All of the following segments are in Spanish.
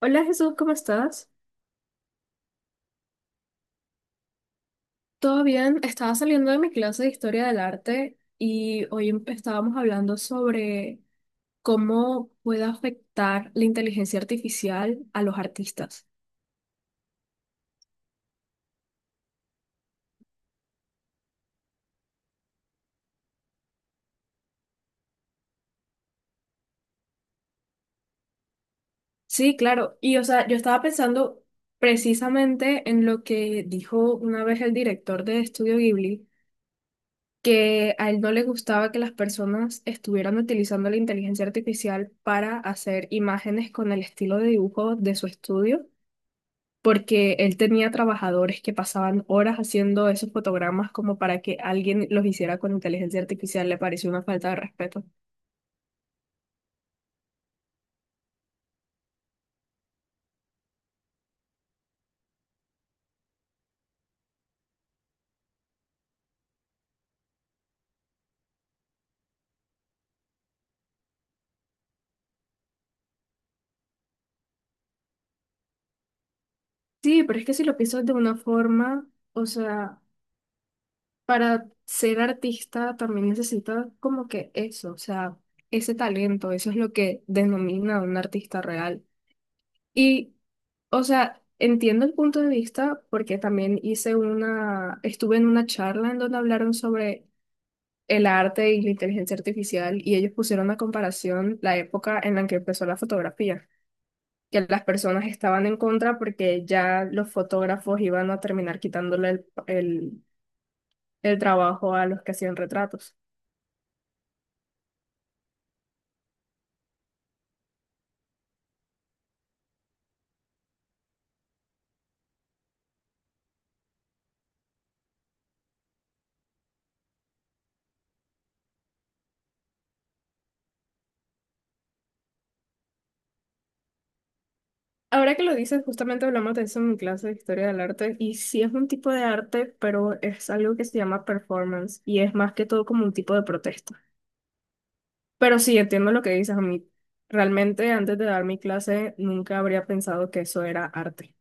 Hola Jesús, ¿cómo estás? ¿Todo bien? Estaba saliendo de mi clase de historia del arte y hoy estábamos hablando sobre cómo puede afectar la inteligencia artificial a los artistas. Sí, claro. Y o sea, yo estaba pensando precisamente en lo que dijo una vez el director de Estudio Ghibli, que a él no le gustaba que las personas estuvieran utilizando la inteligencia artificial para hacer imágenes con el estilo de dibujo de su estudio porque él tenía trabajadores que pasaban horas haciendo esos fotogramas como para que alguien los hiciera con inteligencia artificial. Le pareció una falta de respeto. Sí, pero es que si lo piensas de una forma, o sea, para ser artista también necesitas como que eso, o sea, ese talento. Eso es lo que denomina a un artista real. Y, o sea, entiendo el punto de vista porque también hice una, estuve en una charla en donde hablaron sobre el arte y la inteligencia artificial y ellos pusieron a comparación la época en la que empezó la fotografía, que las personas estaban en contra porque ya los fotógrafos iban a terminar quitándole el trabajo a los que hacían retratos. Ahora que lo dices, justamente hablamos de eso en mi clase de historia del arte y sí es un tipo de arte, pero es algo que se llama performance y es más que todo como un tipo de protesta. Pero sí, entiendo lo que dices a mí. Realmente antes de dar mi clase nunca habría pensado que eso era arte.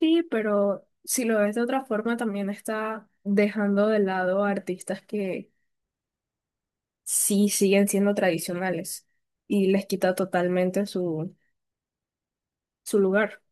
Sí, pero si lo ves de otra forma, también está dejando de lado a artistas que sí siguen siendo tradicionales y les quita totalmente su, su lugar.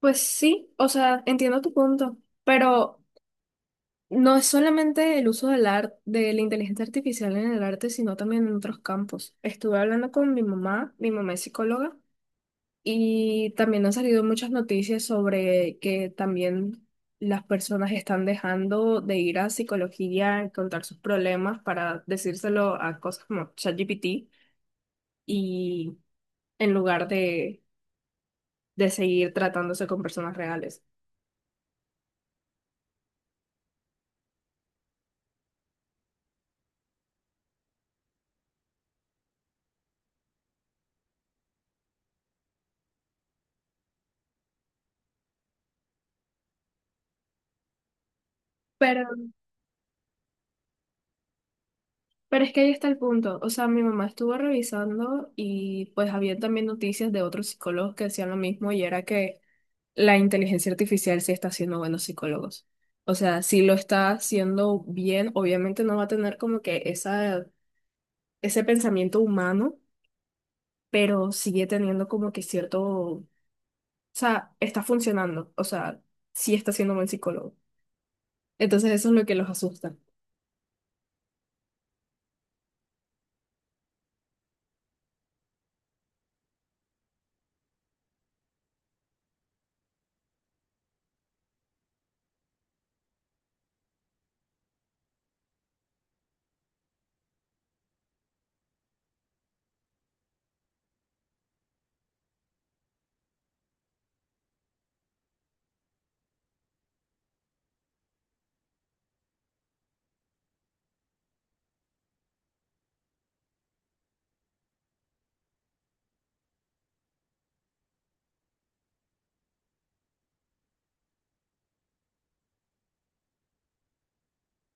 Pues sí, o sea, entiendo tu punto, pero no es solamente el uso del arte, de la inteligencia artificial en el arte, sino también en otros campos. Estuve hablando con mi mamá es psicóloga, y también han salido muchas noticias sobre que también las personas están dejando de ir a psicología a contar sus problemas para decírselo a cosas como ChatGPT y en lugar de seguir tratándose con personas reales. Pero, pero es que ahí está el punto. O sea, mi mamá estuvo revisando y pues había también noticias de otros psicólogos que decían lo mismo y era que la inteligencia artificial sí está haciendo buenos psicólogos. O sea, si lo está haciendo bien, obviamente no va a tener como que esa, ese pensamiento humano, pero sigue teniendo como que cierto, o sea, está funcionando, o sea, sí está siendo buen psicólogo. Entonces eso es lo que los asusta.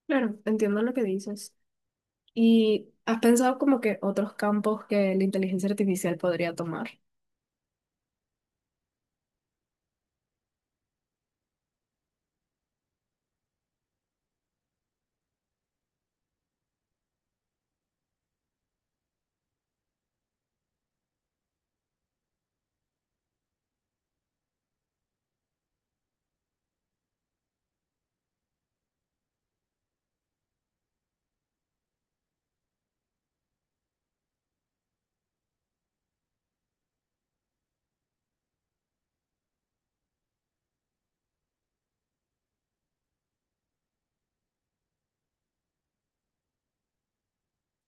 Claro, entiendo lo que dices. ¿Y has pensado como que otros campos que la inteligencia artificial podría tomar?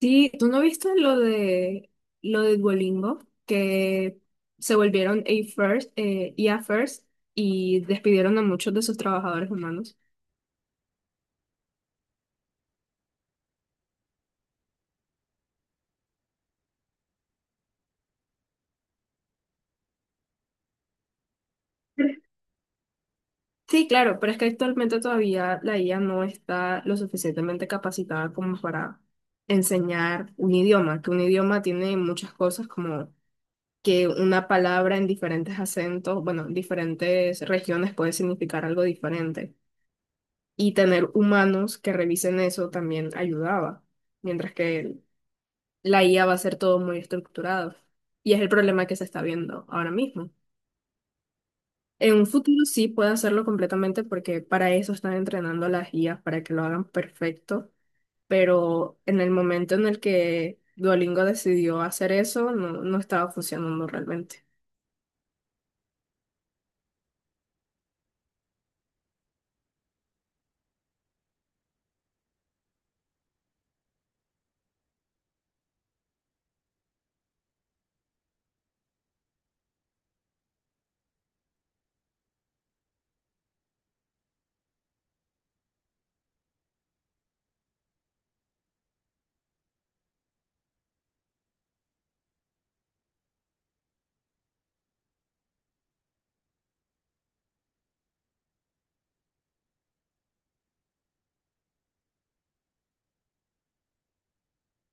Sí, ¿tú no viste lo de Duolingo que se volvieron A first, I a first y despidieron a muchos de sus trabajadores humanos? Sí, claro, pero es que actualmente todavía la IA no está lo suficientemente capacitada como para enseñar un idioma, que un idioma tiene muchas cosas como que una palabra en diferentes acentos, bueno, en diferentes regiones puede significar algo diferente, y tener humanos que revisen eso también ayudaba, mientras que la IA va a ser todo muy estructurado. Y es el problema que se está viendo ahora mismo. En un futuro sí puede hacerlo completamente porque para eso están entrenando a las IAs, para que lo hagan perfecto, pero en el momento en el que Duolingo decidió hacer eso, no estaba funcionando realmente.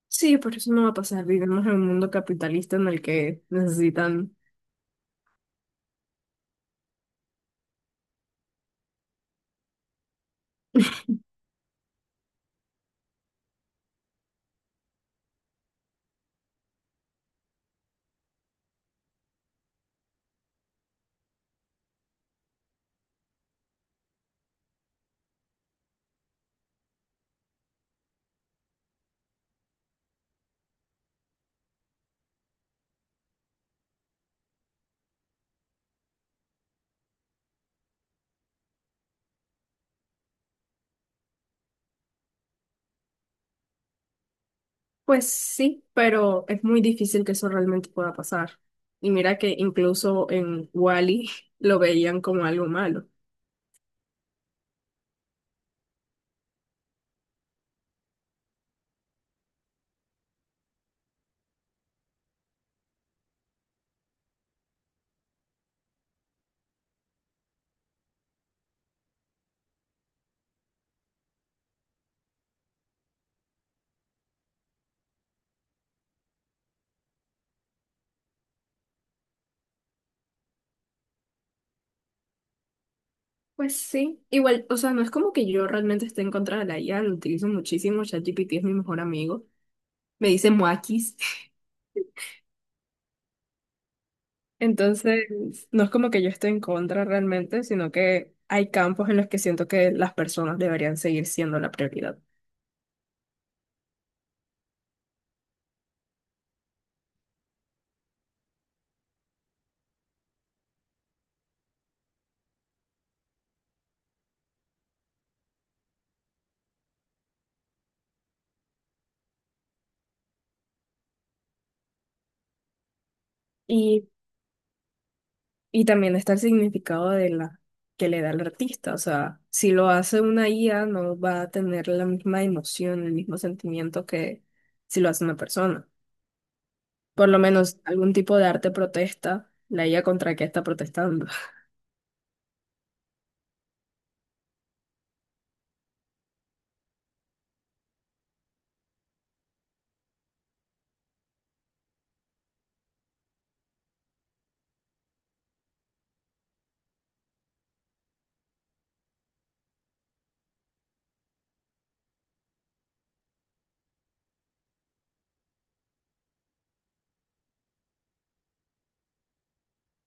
Sí, por eso no va a pasar. Vivimos en un mundo capitalista en el que necesitan. Pues sí, pero es muy difícil que eso realmente pueda pasar. Y mira que incluso en Wally lo veían como algo malo. Pues sí, igual, o sea, no es como que yo realmente esté en contra de la IA, lo utilizo muchísimo, ChatGPT es mi mejor amigo, me dice Moakis. Entonces, no es como que yo esté en contra realmente, sino que hay campos en los que siento que las personas deberían seguir siendo la prioridad. Y y también está el significado de la que le da el artista. O sea, si lo hace una IA, no va a tener la misma emoción, el mismo sentimiento que si lo hace una persona. Por lo menos algún tipo de arte protesta, la IA contra qué está protestando.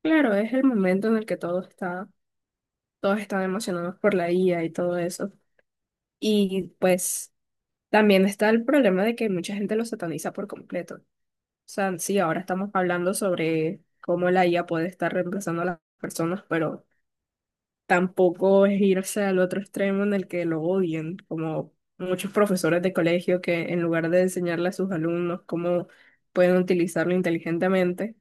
Claro, es el momento en el que todo está, todos están emocionados por la IA y todo eso. Y pues también está el problema de que mucha gente lo sataniza por completo. O sea, sí, ahora estamos hablando sobre cómo la IA puede estar reemplazando a las personas, pero tampoco es irse al otro extremo en el que lo odien, como muchos profesores de colegio que en lugar de enseñarle a sus alumnos cómo pueden utilizarlo inteligentemente,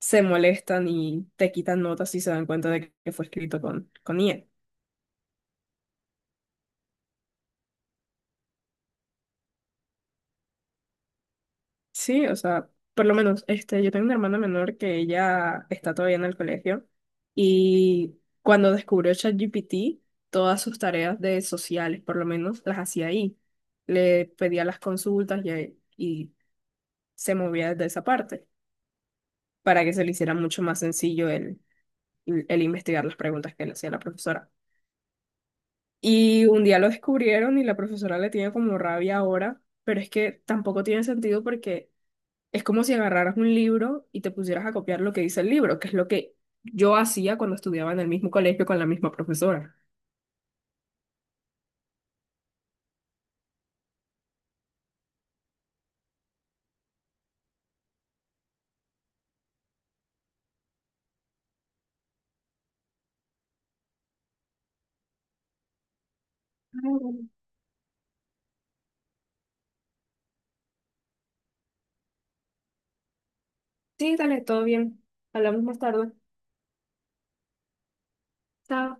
se molestan y te quitan notas si se dan cuenta de que fue escrito con IA. Sí, o sea, por lo menos este, yo tengo una hermana menor que ella está todavía en el colegio y cuando descubrió ChatGPT, todas sus tareas de sociales, por lo menos, las hacía ahí. Le pedía las consultas y se movía desde esa parte para que se le hiciera mucho más sencillo el investigar las preguntas que le hacía la profesora. Y un día lo descubrieron y la profesora le tiene como rabia ahora, pero es que tampoco tiene sentido porque es como si agarraras un libro y te pusieras a copiar lo que dice el libro, que es lo que yo hacía cuando estudiaba en el mismo colegio con la misma profesora. Ah, bueno. Sí, dale, todo bien. Hablamos más tarde. Chao.